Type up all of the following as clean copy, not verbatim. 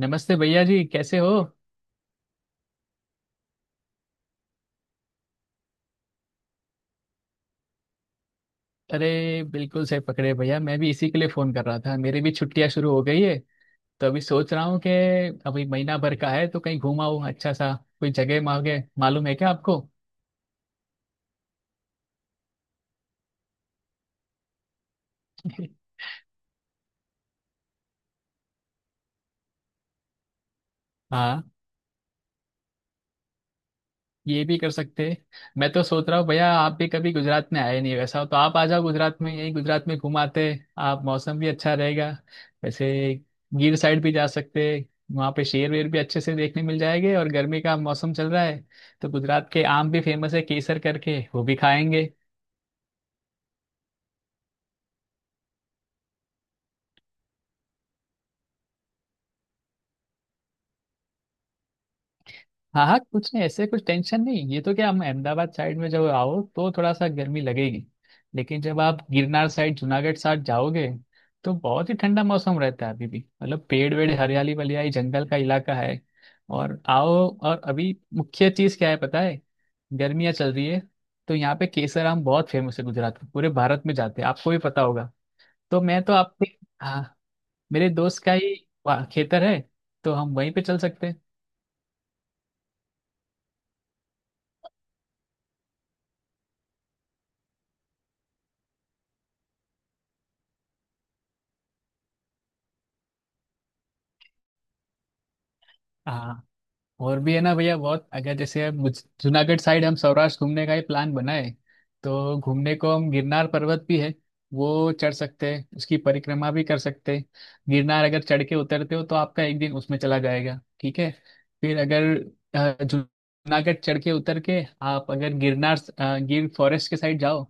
नमस्ते भैया जी, कैसे हो? अरे बिल्कुल सही पकड़े भैया। मैं भी इसी के लिए फोन कर रहा था, मेरी भी छुट्टियां शुरू हो गई है। तो अभी सोच रहा हूँ कि अभी महीना भर का है तो कहीं घूम आऊँ। अच्छा सा कोई जगह मांगे मालूम है क्या आपको? हाँ, ये भी कर सकते हैं। मैं तो सोच रहा हूँ भैया, आप भी कभी गुजरात में आए नहीं। वैसा हो तो आप आ जाओ गुजरात में, यही गुजरात में घुमाते हैं। आप, मौसम भी अच्छा रहेगा। वैसे गिर साइड भी जा सकते हैं। वहाँ पे शेर वेर भी अच्छे से देखने मिल जाएंगे, और गर्मी का मौसम चल रहा है तो गुजरात के आम भी फेमस है, केसर करके, वो भी खाएंगे। हाँ हाँ, कुछ नहीं, ऐसे कुछ टेंशन नहीं। ये तो क्या, हम अहमदाबाद साइड में जब आओ तो थोड़ा सा गर्मी लगेगी। लेकिन जब आप गिरनार साइड, जूनागढ़ साइड जाओगे तो बहुत ही ठंडा मौसम रहता है अभी भी, मतलब पेड़ वेड़, हरियाली वलियाली, जंगल का इलाका है। और आओ। और अभी मुख्य चीज़ क्या है पता है? गर्मियाँ चल रही है, तो यहाँ पे केसर आम बहुत फेमस है गुजरात में, पूरे भारत में जाते हैं, आपको भी पता होगा। तो मैं तो आप, हाँ, मेरे दोस्त का ही वहाँ खेतर है, तो हम वहीं पे चल सकते हैं। हाँ, और भी है ना भैया बहुत। अगर जैसे अब जूनागढ़ साइड हम सौराष्ट्र घूमने का ही प्लान बनाए, तो घूमने को हम, गिरनार पर्वत भी है, वो चढ़ सकते हैं, उसकी परिक्रमा भी कर सकते हैं। गिरनार अगर चढ़ के उतरते हो तो आपका एक दिन उसमें चला जाएगा, ठीक है। फिर अगर जूनागढ़ चढ़ के उतर के, आप अगर गिरनार गिर फॉरेस्ट के साइड जाओ,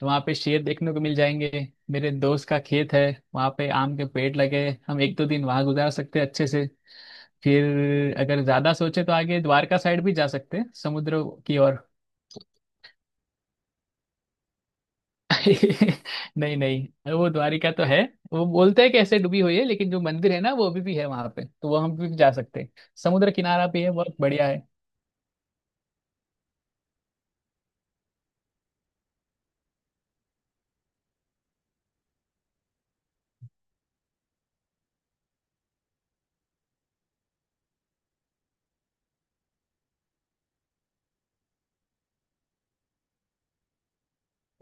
तो वहाँ पे शेर देखने को मिल जाएंगे। मेरे दोस्त का खेत है, वहाँ पे आम के पेड़ लगे हैं, हम एक दो दिन वहाँ गुजार सकते हैं अच्छे से। फिर अगर ज्यादा सोचे तो आगे द्वारका साइड भी जा सकते हैं, समुद्र की ओर। नहीं नहीं, वो द्वारिका तो है। वो बोलते हैं कि ऐसे डूबी हुई है लेकिन जो मंदिर है ना वो अभी भी है वहां पे, तो वो हम भी जा सकते हैं। समुद्र किनारा भी है, बहुत बढ़िया है।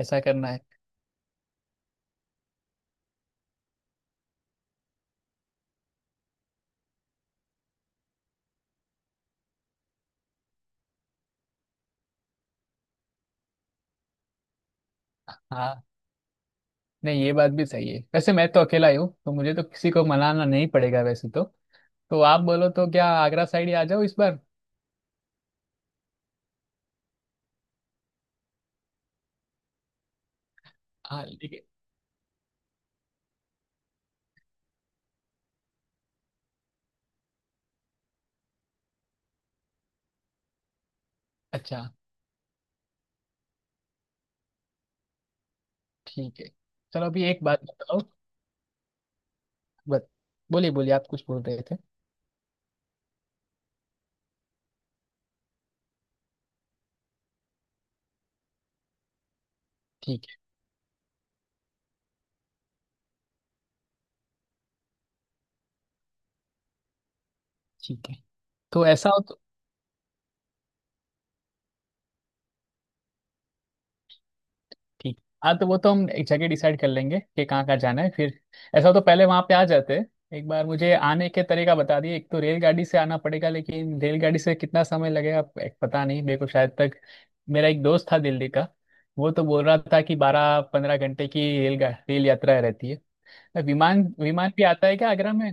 ऐसा करना है। हाँ, नहीं ये बात भी सही है, वैसे मैं तो अकेला ही हूँ तो मुझे तो किसी को मनाना नहीं पड़ेगा वैसे तो। तो आप बोलो तो क्या आगरा साइड ही आ जाओ इस बार? हाँ ठीक है। अच्छा, ठीक है, चलो अभी एक बात बताओ। बत, बोलिए बोलिए, आप कुछ बोल रहे थे। ठीक है, ठीक है, तो ऐसा हो तो ठीक। हाँ, तो वो तो हम एक जगह डिसाइड कर लेंगे कि कहाँ कहाँ जाना है, फिर ऐसा हो तो पहले वहाँ पे आ जाते हैं। एक बार मुझे आने के तरीका बता दिए। एक तो रेलगाड़ी से आना पड़ेगा, लेकिन रेलगाड़ी से कितना समय लगेगा? एक पता नहीं मेरे को, शायद तक। मेरा एक दोस्त था दिल्ली का, वो तो बोल रहा था कि 12-15 घंटे की रेल रेल यात्रा रहती है। विमान, विमान भी आता है क्या आगरा में?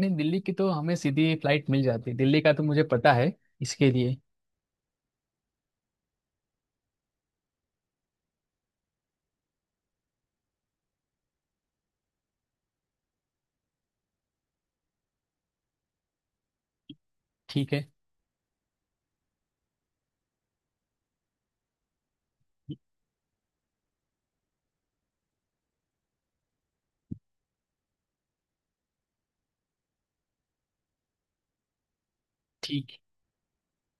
नहीं, दिल्ली की तो हमें सीधी फ्लाइट मिल जाती है, दिल्ली का तो मुझे पता है इसके लिए। ठीक है। ठीक।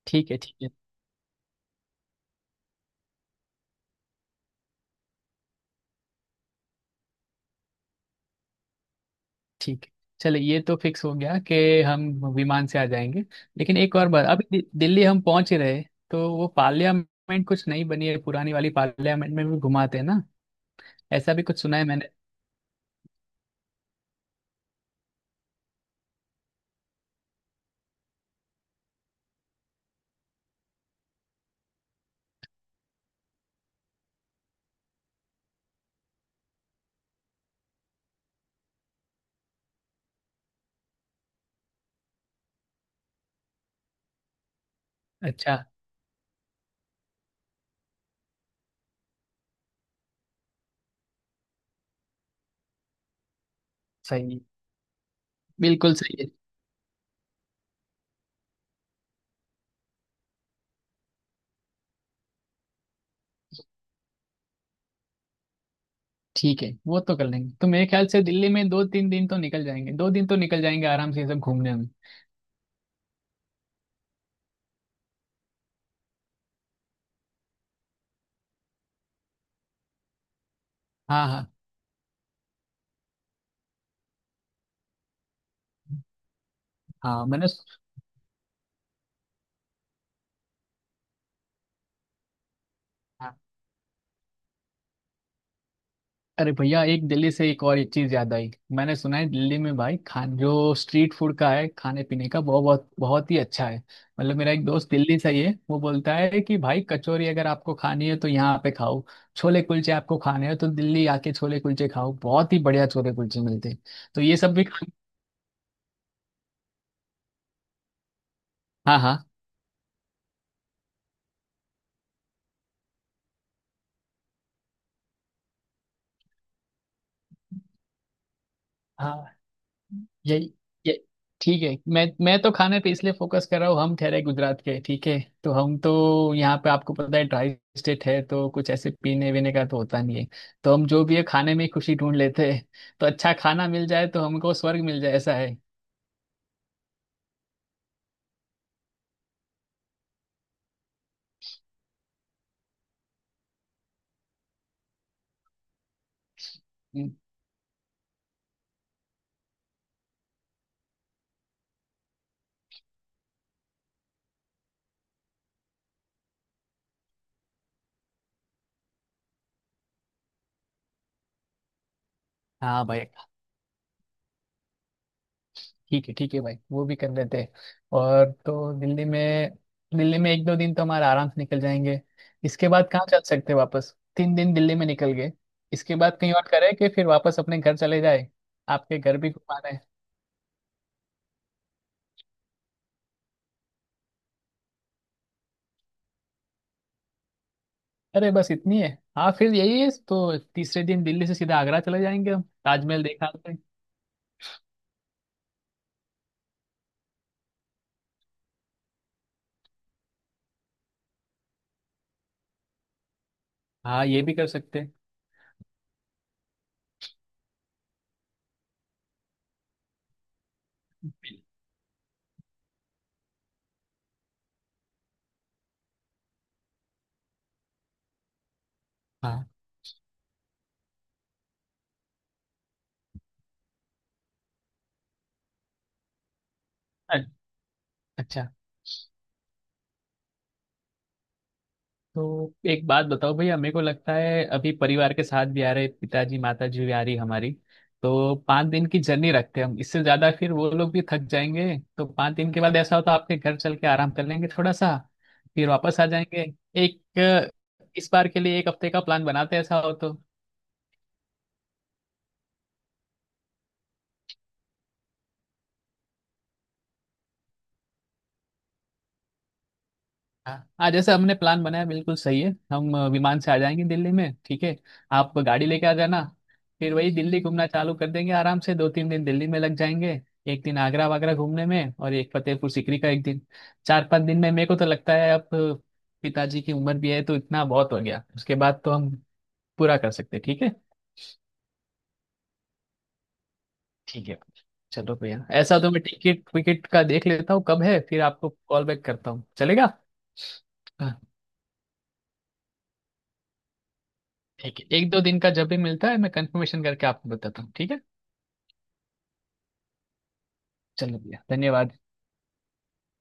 ठीक है। ठीक है। ठीक है। चलिए, ये तो फिक्स हो गया कि हम विमान से आ जाएंगे। लेकिन एक और बात, अभी दिल्ली हम पहुंच ही रहे, तो वो पार्लियामेंट कुछ नई बनी है, पुरानी वाली पार्लियामेंट में भी घुमाते हैं ना, ऐसा भी कुछ सुना है मैंने। अच्छा। सही है, बिल्कुल सही है। ठीक है, वो तो कर लेंगे। तो मेरे ख्याल से दिल्ली में दो तीन दिन तो निकल जाएंगे, दो दिन तो निकल जाएंगे आराम से ये सब घूमने में। हाँ हाँ हाँ, मैंने... अरे भैया, एक दिल्ली से एक और एक चीज याद आई। मैंने सुना है दिल्ली में भाई खान जो स्ट्रीट फूड का है, खाने पीने का बहुत बहुत बहुत ही अच्छा है। मतलब मेरा एक दोस्त दिल्ली से ही है, वो बोलता है कि भाई कचौरी अगर आपको खानी है तो यहाँ पे खाओ। छोले कुलचे आपको खाने हैं तो दिल्ली आके छोले कुलचे खाओ, बहुत ही बढ़िया छोले कुलचे मिलते हैं। तो ये सब भी हाँ हाँ हाँ, यही, ये ठीक है। मैं तो खाने पे इसलिए फोकस कर रहा हूँ, हम ठहरे गुजरात के, ठीक है। तो हम तो यहाँ पे, आपको पता है ड्राई स्टेट है, तो कुछ ऐसे पीने वीने का तो होता नहीं है। तो हम जो भी है खाने में ही खुशी ढूंढ लेते हैं, तो अच्छा खाना मिल जाए तो हमको स्वर्ग मिल जाए, ऐसा है। हम्म, हाँ भाई, ठीक है, ठीक है भाई, वो भी कर लेते हैं। और तो दिल्ली में, दिल्ली में एक दो दिन तो हमारे आराम से निकल जाएंगे। इसके बाद कहाँ चल सकते हैं? वापस, 3 दिन दिल्ली में निकल गए, इसके बाद कहीं और करें कि फिर वापस अपने घर चले जाए? आपके घर भी घुमाना है। अरे बस इतनी है? हाँ फिर यही है, तो तीसरे दिन दिल्ली से सीधा आगरा चले जाएंगे हम। ताजमहल देखा आपने? हाँ, ये भी कर सकते हैं। हाँ अ- अच्छा, तो एक बात बताओ भैया, मेरे को लगता है अभी परिवार के साथ भी आ रहे, पिताजी माताजी भी आ रही हमारी। तो 5 दिन की जर्नी रखते हैं हम, इससे ज्यादा फिर वो लोग भी थक जाएंगे, तो पाँच दिन के बाद ऐसा हो तो आपके घर चल के आराम कर लेंगे थोड़ा सा। फिर वापस आ जाएंगे। एक इस बार के लिए एक हफ्ते का प्लान बनाते हैं, ऐसा हो तो। हाँ हाँ, जैसे हमने प्लान बनाया बिल्कुल सही है। हम विमान से आ जाएंगे दिल्ली में, ठीक है। आप गाड़ी लेके आ जाना, फिर वही दिल्ली घूमना चालू कर देंगे, आराम से दो तीन दिन दिल्ली में लग जाएंगे। एक दिन आगरा वागरा घूमने में, और एक फतेहपुर सीकरी का एक दिन। चार पांच दिन में मेरे को तो लगता है, अब पिताजी की उम्र भी है तो इतना बहुत हो गया, उसके बाद तो हम पूरा कर सकते हैं, ठीक है। ठीक है, चलो भैया ऐसा तो, मैं टिकट विकेट का देख लेता हूँ कब है, फिर आपको कॉल बैक करता हूँ, चलेगा? ठीक है, एक दो दिन का जब भी मिलता है, मैं कंफर्मेशन करके आपको बताता हूँ, ठीक है। चलो भैया, धन्यवाद।